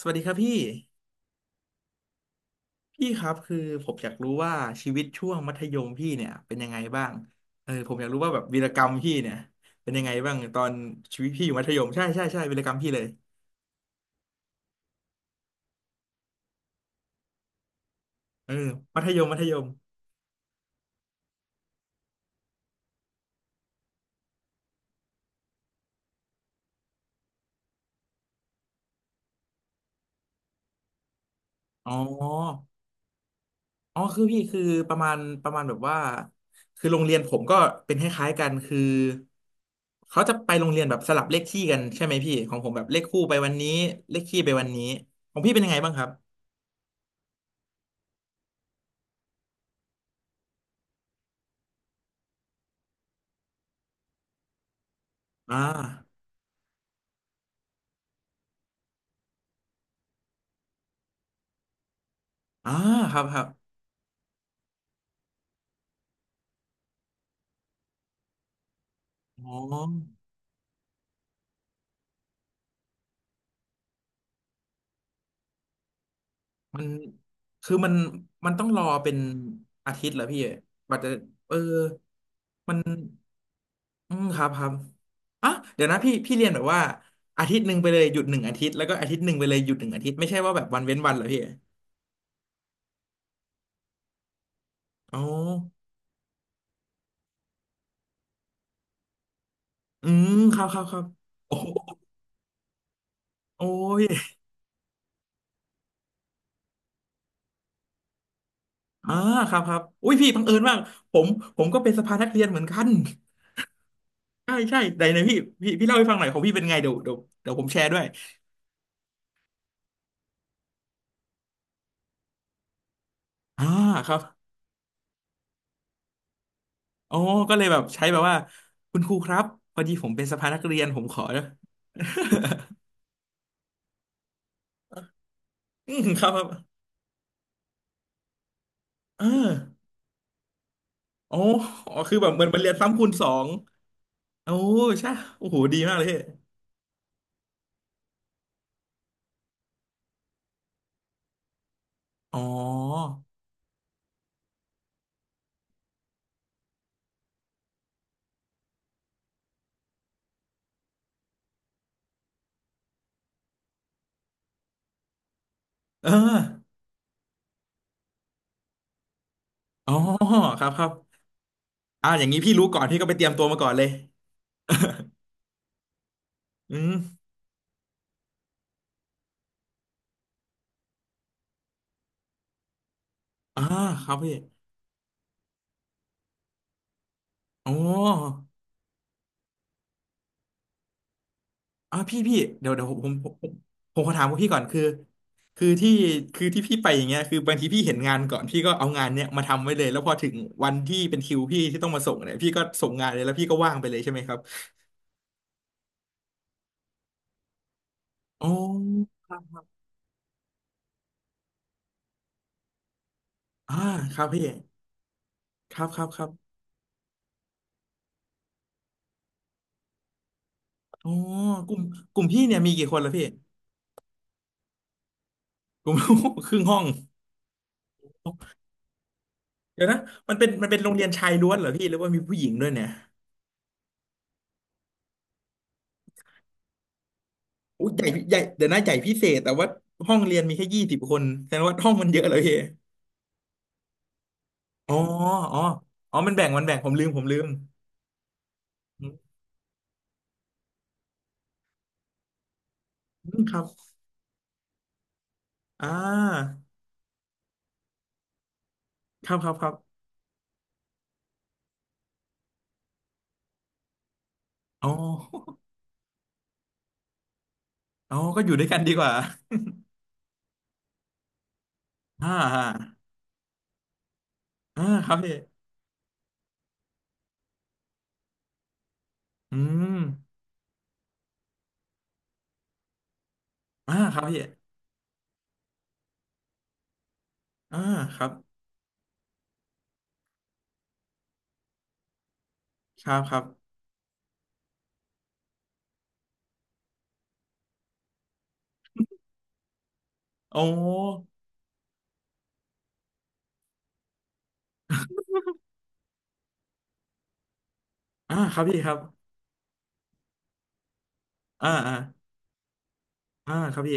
สวัสดีครับพี่ พี่ครับคือผมอยากรู้ว่าชีวิตช่วงมัธยมพี่เนี่ยเป็นยังไงบ้าง เออผมอยากรู้ว่าแบบวีรกรรมพี่เนี่ยเป็นยังไงบ้างตอนชีวิตพี่อยู่มัธยมใช่ใช่ใช่วีรกรรมพี่เลยเออมัธยมมัธยมอ๋ออ๋อคือพี่คือประมาณประมาณแบบว่าคือโรงเรียนผมก็เป็นคล้ายๆกันคือเขาจะไปโรงเรียนแบบสลับเลขที่กันใช่ไหมพี่ของผมแบบเลขคู่ไปวันนี้เลขคี่ไปวันนี้ของพี่เป็นยังไงบ้างครับอ่าอ่าครับครับอ๋อ มันคือมันต้องรอเป็นอาทิตย์เหรอพี่กว่าจะเออมันอืมครับครับอ่ะเดี๋ยวนะพี่เรียนแบบว่าอาทิตย์หนึ่งไปเลยหยุดหนึ่งอาทิตย์แล้วก็อาทิตย์หนึ่งไปเลยหยุดหนึ่งอาทิตย์ไม่ใช่ว่าแบบวันเว้นวันเหรอพี่อ๋ออืมครับครับครับโอ้โหโอ้ยอ่าครับครับอุ้ยพี่บังเอิญมากผมผมก็เป็นสภานักเรียนเหมือนกันใช่ใช่ไหนไหนพี่เล่าให้ฟังหน่อยของพี่เป็นไงเดี๋ยวเดี๋ยวเดี๋ยวผมแชร์ด้วยอ่าครับ อ๋อก็เลยแบบใช้แบบว่าคุณครูครับพอดีผมเป็นสภานักเรียนผมขอ อืมครับ ครับเอออ๋ออ๋อคือแบบเหมือนมันเรียนซ้ำคูณสองโอ้ใช่โอ้โหดีมากเลยพี่อ๋อเอออ๋อครับครับอ่าอย่างนี้พี่รู้ก่อนพี่ก็ไปเตรียมตัวมาก่อนเลยอืมอ่าครับพี่อ๋อ อ่าพี่พี่เดี๋ยวเดี๋ยวผมขอถามพวกพี่ก่อนคือคือที่คือที่พี่ไปอย่างเงี้ยคือบางทีพี่เห็นงานก่อนพี่ก็เอางานเนี้ยมาทำไว้เลยแล้วพอถึงวันที่เป็นคิวพี่ที่ต้องมาส่งเนี่ยพี่ก็ส่งงานเลยแล้วพี่ก็ว่างไปเลยใช่ไหมครับอ๋ออ่าครับพี่ครับครับครับอ๋อกลุ่มพี่เนี่ยมีกี่คนล่ะพี่กลุ่ม ครึ่งห้องเดี๋ยวนะมันเป็นโรงเรียนชายล้วนเหรอพี่หรือว่ามีผู้หญิงด้วยเนี่ยอุ้ยใหญ่ใหญ่เดี๋ยวนะใหญ่พิเศษแต่ว่าห้องเรียนมีแค่20 คนแสดงว่าห้องมันเยอะเลยพี่ อ๋ออ๋ออ๋อมันแบ่งผมลืมอืมครับอ่าครับครับครับอ๋อ อ๋อก็อยู่ด้วยกันดีกว่าอ่าอ่าอ่าครับพี่อืมอ่าครับพี่อ่าครับครับครับโอ้อ่าครับพี่ครับอ่าอ่าอ่าครับพี่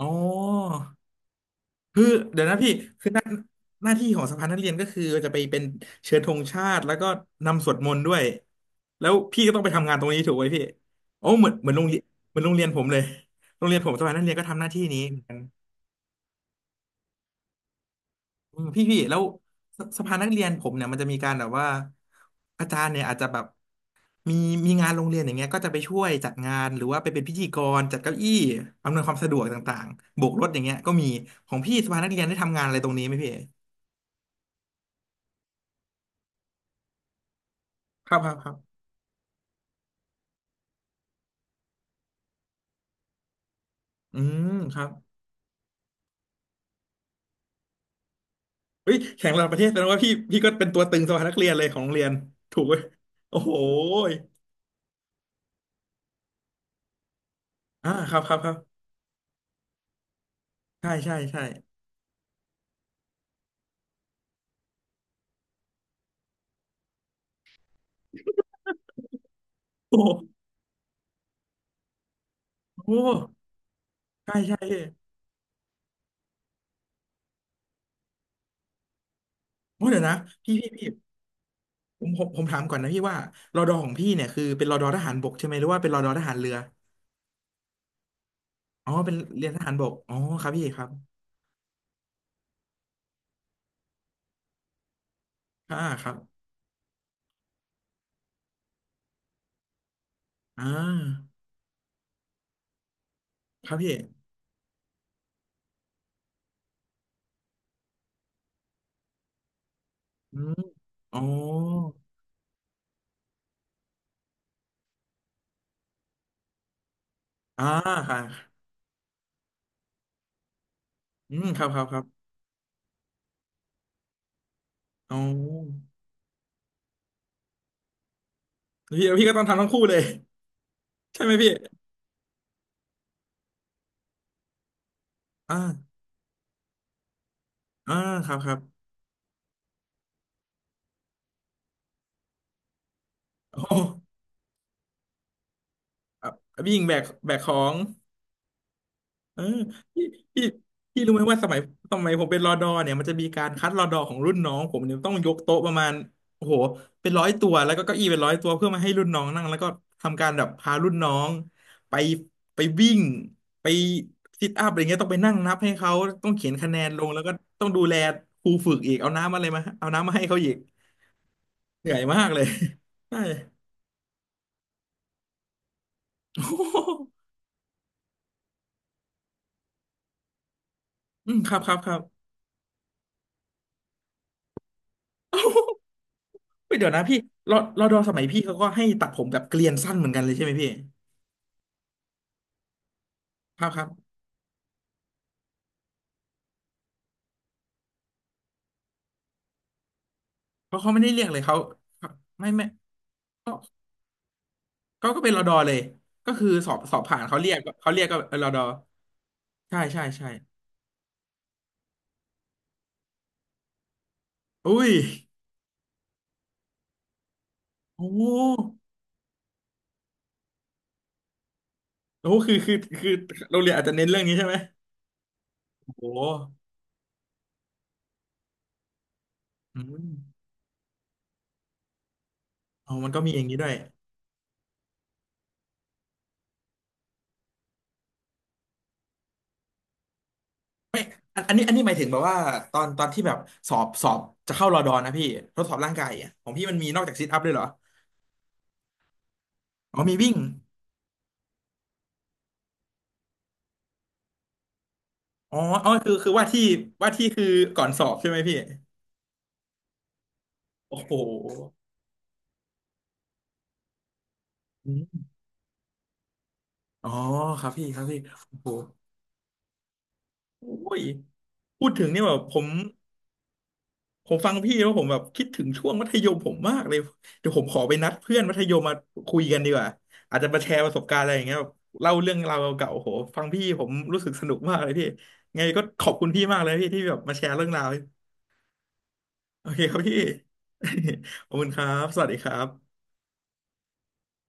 อ๋อ คือเดี๋ยวนะพี่คือหน้าหน้าที่ของสภานักเรียนก็คือจะไปเป็นเชิญธงชาติแล้วก็นำสวดมนต์ด้วยแล้วพี่ก็ต้องไปทำงานตรงนี้ถูกไหมพี่โอ้เหมือนโรงเรียนเหมือนโรงเรียนผมเลยโรงเรียนผมสภานักเรียนก็ทำหน้าที่นี้เหมือนกันอืมพี่แล้วสภานักเรียนผมเนี่ยมันจะมีการแบบว่าอาจารย์เนี่ยอาจจะแบบมีมีงานโรงเรียนอย่างเงี้ยก็จะไปช่วยจัดงานหรือว่าไปเป็นพิธีกรจัดเก้าอี้อำนวยความสะดวกต่างๆโบกรถอย่างเงี้ยก็มีของพี่สภานักเรียนได้ทำงานอะไรตรงนี้ไหมพี่ครับครับ อืมครับเฮ้ยแข่งระดับประเทศแสดงว่าพี่ก็เป็นตัวตึงสภานักเรียนเลยของโรงเรียนถูกไหมโอ้โหอ่าครับครับครับใช่ใช่ใช่โอ้โหโอ้โหใช่ใช่พี่โอ้เดี๋ยวนะพี่ผมถามก่อนนะพี่ว่ารอดอของพี่เนี่ยคือเป็นรอดอทหารบกใช่ไหมหรือว่าเป็นรอดอทหารเรืออ๋อเป็นเรียนทหารบกอ๋อครับพี่ครับอ่าครับอ่าครับพี่อืมอ๋ออ่าค่ะอืมครับครับครับอ๋อพี่ก็ต้องทำทั้งคู่เลย ใช่ไหมพี่อ่าอ่าครับครับโอ้อ่ะวิ่งแบกของเออพี่พี่พี่ รู้ไหมว่าสมัยสมัยผมเป็นรอดอเนี่ยมันจะมีการคัดรอดอของรุ่นน้องผมเนี่ยต้องยกโต๊ะประมาณโอ้โหเป็นร้อยตัวแล้วก็เก้าอี้เป็นร้อยตัวเพื่อมาให้รุ่นน้องนั่งแล้วก็ทำการแบบพารุ่นน้องไปไปวิ่งไปซิทอัพอะไรเงี้ยต้องไปนั่งนับให้เขาต้องเขียนคะแนนลงแล้วก็ต้องดูแลครูฝึกอีกเอาน้ำอะไรมาเอาน้ำมาให้เขาอีกเหนื่อยมากเลยใช่ โอ้โห อืมครับครับครับเฮ้ยเดี๋ยวนะพี่รอดอสมัยพี่เขาก็ให้ตัดผมแบบเกลียนสั้นเหมือนกันเลยใช่ไหมพี่ครับครับเพราะเขาไม่ได้เรียกเลยเขาไม่ก็เขาก็เป็นรอดอเลยก็คือสอบผ่านเขาเรียกก็รอดอใช่ใช่ใช่อุ้ยโอ้โหโอ้โหคือคือคือโรงเรียนอาจจะเน้นเรื่องนี้ใช่ไหมโอ้โหอืมอ๋อมันก็มีอย่างนี้ด้วยอันนี้อันนี้หมายถึงแบบว่าตอนที่แบบสอบจะเข้ารอดอนะพี่ทดสอบร่างกายอ่ะของพี่มันมีนอกจากซิทอัพด้วยเหรออ๋อมีวิ่ง อ๋ออ๋อคือว่าที่ว่าที่คือก่อนสอบใช่ไหมพี่โอ้โหอมอ๋อครับพี่ครับพี่โอ้โหโอ้ยพูดถึงเนี่ยแบบผมผมฟังพี่แล้วผมแบบคิดถึงช่วงมัธยมผมมากเลยเดี๋ยวผมขอไปนัดเพื่อนมัธยมมาคุยกันดีกว่าอาจจะมาแชร์ประสบการณ์อะไรอย่างเงี้ยแบบเล่าเรื่องราวเก่าๆโอ้โหฟังพี่ผมรู้สึกสนุกมากเลยพี่ไงก็ขอบคุณพี่มากเลยพี่ที่แบบมาแชร์เรื่องราวโอเคครับพี่ ขอบคุณครับสวัสดีครับ